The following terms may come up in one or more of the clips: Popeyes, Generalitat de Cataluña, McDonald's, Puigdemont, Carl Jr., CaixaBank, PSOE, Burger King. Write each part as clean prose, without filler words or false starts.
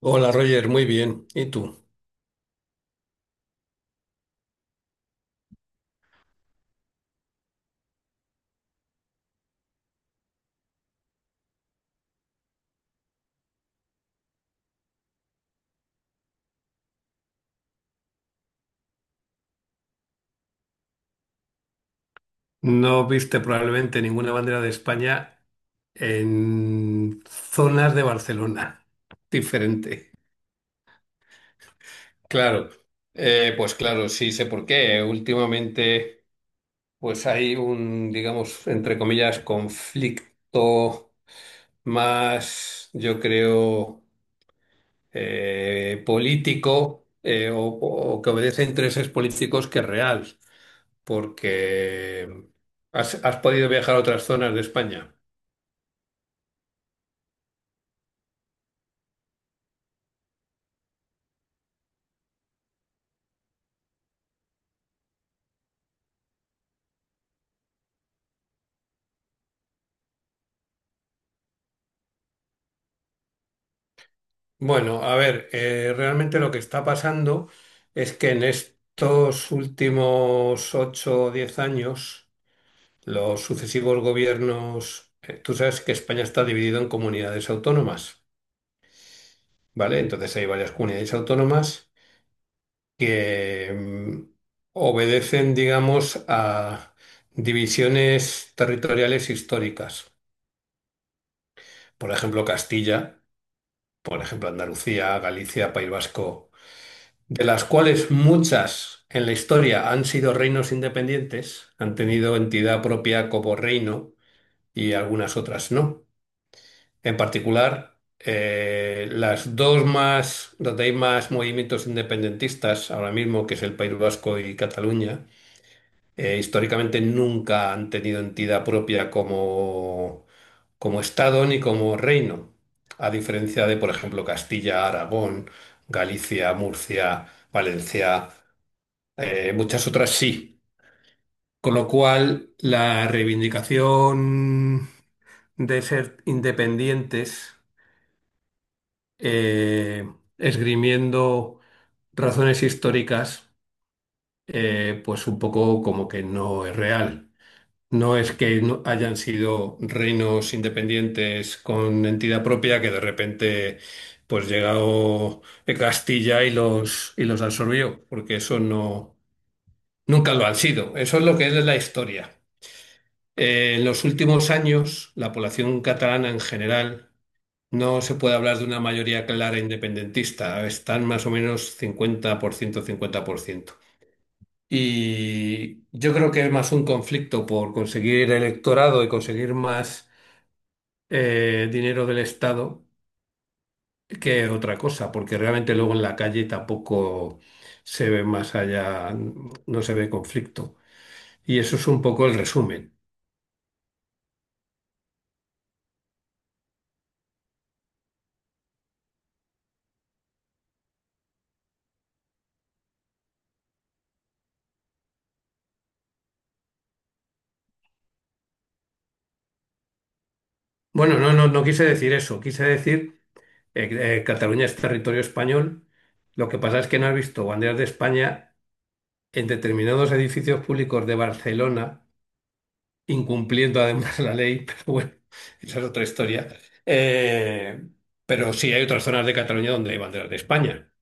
Hola Roger, muy bien. ¿Y tú? No viste probablemente ninguna bandera de España en zonas de Barcelona. Diferente. Claro, pues claro, sí sé por qué. Últimamente, pues hay un, digamos, entre comillas, conflicto más, yo creo, político o que obedece a intereses políticos que real. Porque has podido viajar a otras zonas de España. Bueno, a ver, realmente lo que está pasando es que en estos últimos 8 o 10 años, los sucesivos gobiernos, tú sabes que España está dividido en comunidades autónomas, ¿vale? Entonces hay varias comunidades autónomas que obedecen, digamos, a divisiones territoriales históricas. Por ejemplo, Castilla. Por ejemplo, Andalucía, Galicia, País Vasco, de las cuales muchas en la historia han sido reinos independientes, han tenido entidad propia como reino y algunas otras no. En particular, las dos más, donde hay más movimientos independentistas ahora mismo, que es el País Vasco y Cataluña, históricamente nunca han tenido entidad propia como Estado ni como reino, a diferencia de, por ejemplo, Castilla, Aragón, Galicia, Murcia, Valencia, muchas otras sí. Con lo cual, la reivindicación de ser independientes, eh, esgrimiendo razones históricas, pues un poco como que no es real. No es que no hayan sido reinos independientes con entidad propia que de repente pues llegó Castilla y los absorbió, porque eso no nunca lo han sido. Eso es lo que es la historia. En los últimos años, la población catalana en general no se puede hablar de una mayoría clara independentista. Están más o menos cincuenta ciento-50%, 50%. Y yo creo que es más un conflicto por conseguir electorado y conseguir más dinero del Estado que otra cosa, porque realmente luego en la calle tampoco se ve más allá, no se ve conflicto. Y eso es un poco el resumen. Bueno, no, no, no quise decir eso, quise decir Cataluña es territorio español. Lo que pasa es que no has visto banderas de España en determinados edificios públicos de Barcelona, incumpliendo además la ley, pero bueno, esa es otra historia. Eh, pero sí hay otras zonas de Cataluña donde hay banderas de España.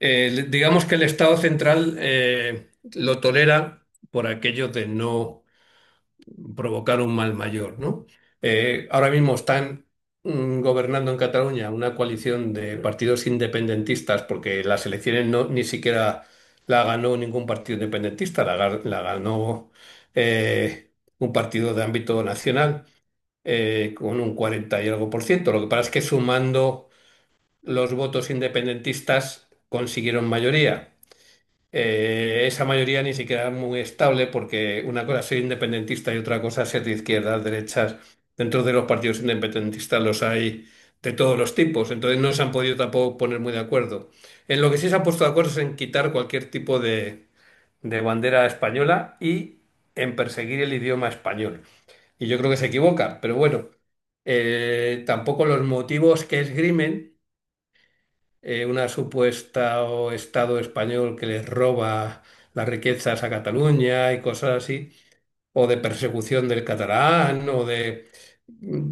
Digamos que el Estado central lo tolera por aquello de no provocar un mal mayor, ¿no? Ahora mismo están gobernando en Cataluña una coalición de partidos independentistas porque las elecciones no, ni siquiera la ganó ningún partido independentista, la ganó eh, un partido de ámbito nacional con un 40 y algo por ciento. Lo que pasa es que sumando los votos independentistas consiguieron mayoría. Esa mayoría ni siquiera es muy estable porque una cosa es ser independentista y otra cosa es ser de izquierdas, derechas. Dentro de los partidos independentistas los hay de todos los tipos, entonces no se han podido tampoco poner muy de acuerdo. En lo que sí se han puesto de acuerdo es en quitar cualquier tipo de bandera española y en perseguir el idioma español. Y yo creo que se equivoca, pero bueno, tampoco los motivos que esgrimen una supuesta o Estado español que les roba las riquezas a Cataluña y cosas así, o de persecución del catalán, o de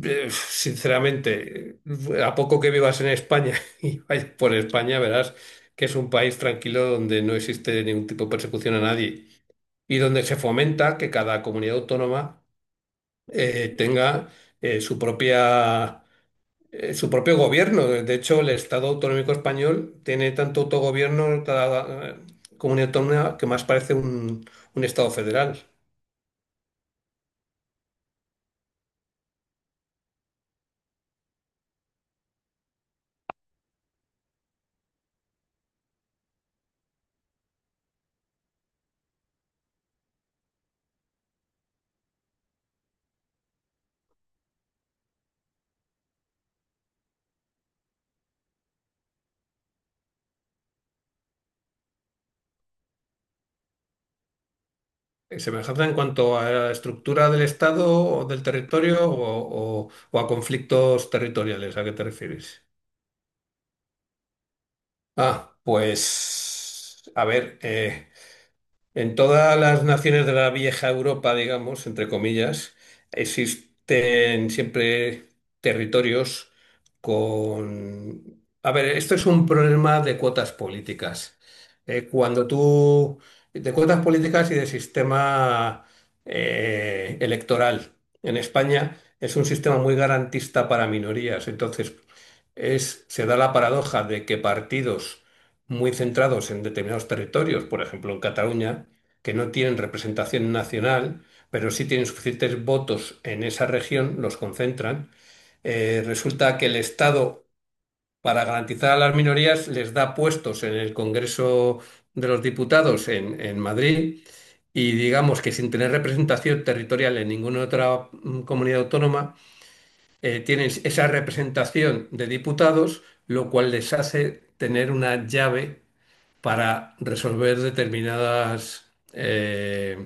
sinceramente, a poco que vivas en España y vayas por España, verás que es un país tranquilo donde no existe ningún tipo de persecución a nadie y donde se fomenta que cada comunidad autónoma tenga eh, su propia su propio gobierno. De hecho, el Estado autonómico español tiene tanto autogobierno cada comunidad autónoma que más parece un Estado federal. Semejanza en cuanto a la estructura del Estado o del territorio o a conflictos territoriales, ¿a qué te refieres? Ah, pues, a ver, en todas las naciones de la vieja Europa, digamos, entre comillas, existen siempre territorios con a ver, esto es un problema de cuotas políticas. Cuando tú de cuotas políticas y de sistema electoral. En España es un sistema muy garantista para minorías. Entonces, es, se da la paradoja de que partidos muy centrados en determinados territorios, por ejemplo en Cataluña, que no tienen representación nacional, pero sí tienen suficientes votos en esa región, los concentran. Resulta que el Estado, para garantizar a las minorías, les da puestos en el Congreso de los Diputados en Madrid y digamos que sin tener representación territorial en ninguna otra comunidad autónoma, tienen esa representación de diputados, lo cual les hace tener una llave para resolver determinadas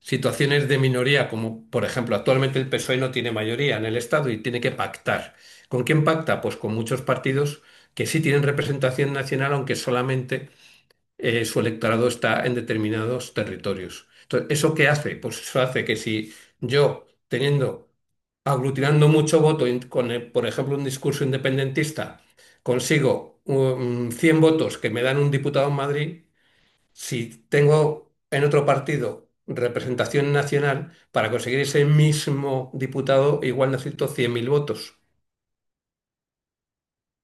situaciones de minoría, como por ejemplo actualmente el PSOE no tiene mayoría en el Estado y tiene que pactar. ¿Con quién pacta? Pues con muchos partidos que sí tienen representación nacional, aunque solamente su electorado está en determinados territorios. Entonces, ¿eso qué hace? Pues eso hace que si yo, teniendo, aglutinando mucho voto con, por ejemplo, un discurso independentista, consigo 100 votos que me dan un diputado en Madrid, si tengo en otro partido representación nacional, para conseguir ese mismo diputado igual necesito 100.000 votos.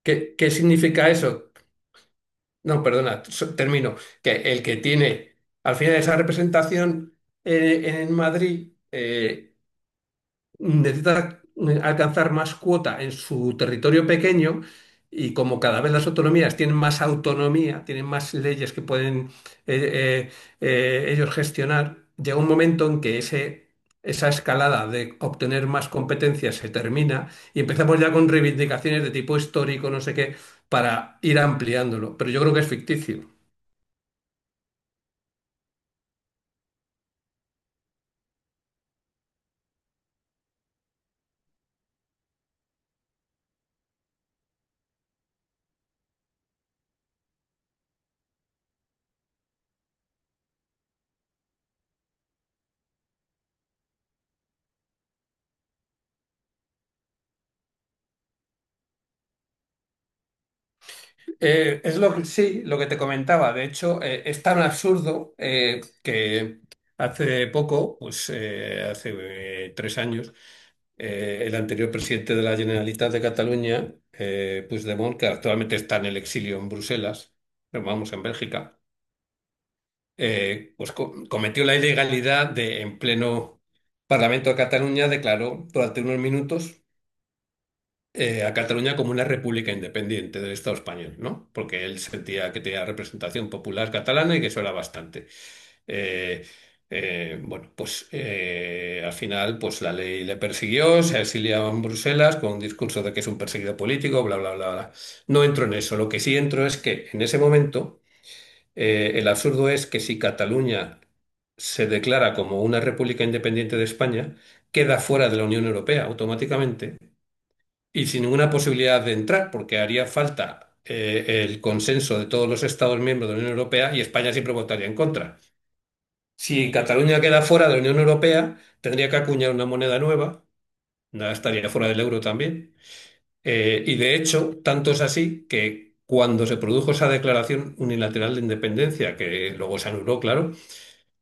¿Qué significa eso? No, perdona, termino. Que el que tiene al final esa representación en Madrid, necesita alcanzar más cuota en su territorio pequeño y como cada vez las autonomías tienen más autonomía, tienen más leyes que pueden eh, eh, ellos gestionar, llega un momento en que ese, esa escalada de obtener más competencias se termina y empezamos ya con reivindicaciones de tipo histórico, no sé qué, para ir ampliándolo. Pero yo creo que es ficticio. Es lo que sí, lo que te comentaba. De hecho, es tan absurdo que hace poco, pues hace 3 años, el anterior presidente de la Generalitat de Cataluña, Puigdemont, que actualmente está en el exilio en Bruselas, pero vamos, en Bélgica, pues cometió la ilegalidad de, en pleno Parlamento de Cataluña, declaró durante unos minutos a Cataluña como una república independiente del Estado español, ¿no? Porque él sentía que tenía representación popular catalana y que eso era bastante. Eh, bueno, pues al final pues la ley le persiguió, se exiliaba en Bruselas con un discurso de que es un perseguido político, bla, bla, bla, bla. No entro en eso. Lo que sí entro es que en ese momento el absurdo es que si Cataluña se declara como una república independiente de España, queda fuera de la Unión Europea automáticamente y sin ninguna posibilidad de entrar, porque haría falta el consenso de todos los Estados miembros de la Unión Europea y España siempre votaría en contra. Si Cataluña queda fuera de la Unión Europea, tendría que acuñar una moneda nueva, nada, estaría fuera del euro también. Y de hecho, tanto es así que cuando se produjo esa declaración unilateral de independencia, que luego se anuló, claro,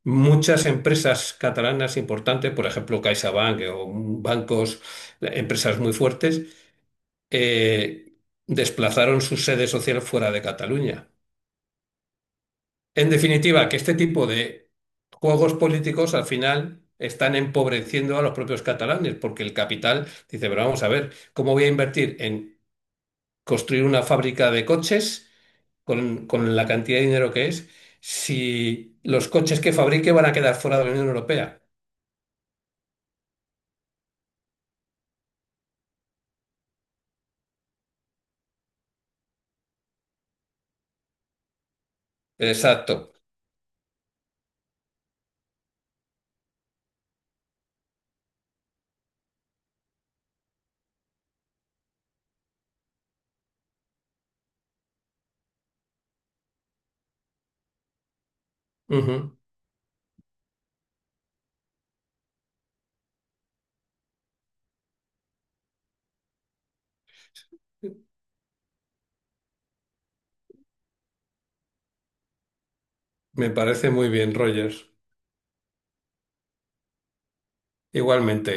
muchas empresas catalanas importantes, por ejemplo CaixaBank o bancos, empresas muy fuertes, eh, desplazaron su sede social fuera de Cataluña. En definitiva, que este tipo de juegos políticos al final están empobreciendo a los propios catalanes, porque el capital dice, pero vamos a ver, ¿cómo voy a invertir en construir una fábrica de coches con la cantidad de dinero que es si los coches que fabrique van a quedar fuera de la Unión Europea? Exacto. Ujú. Me parece muy bien, Rogers. Igualmente.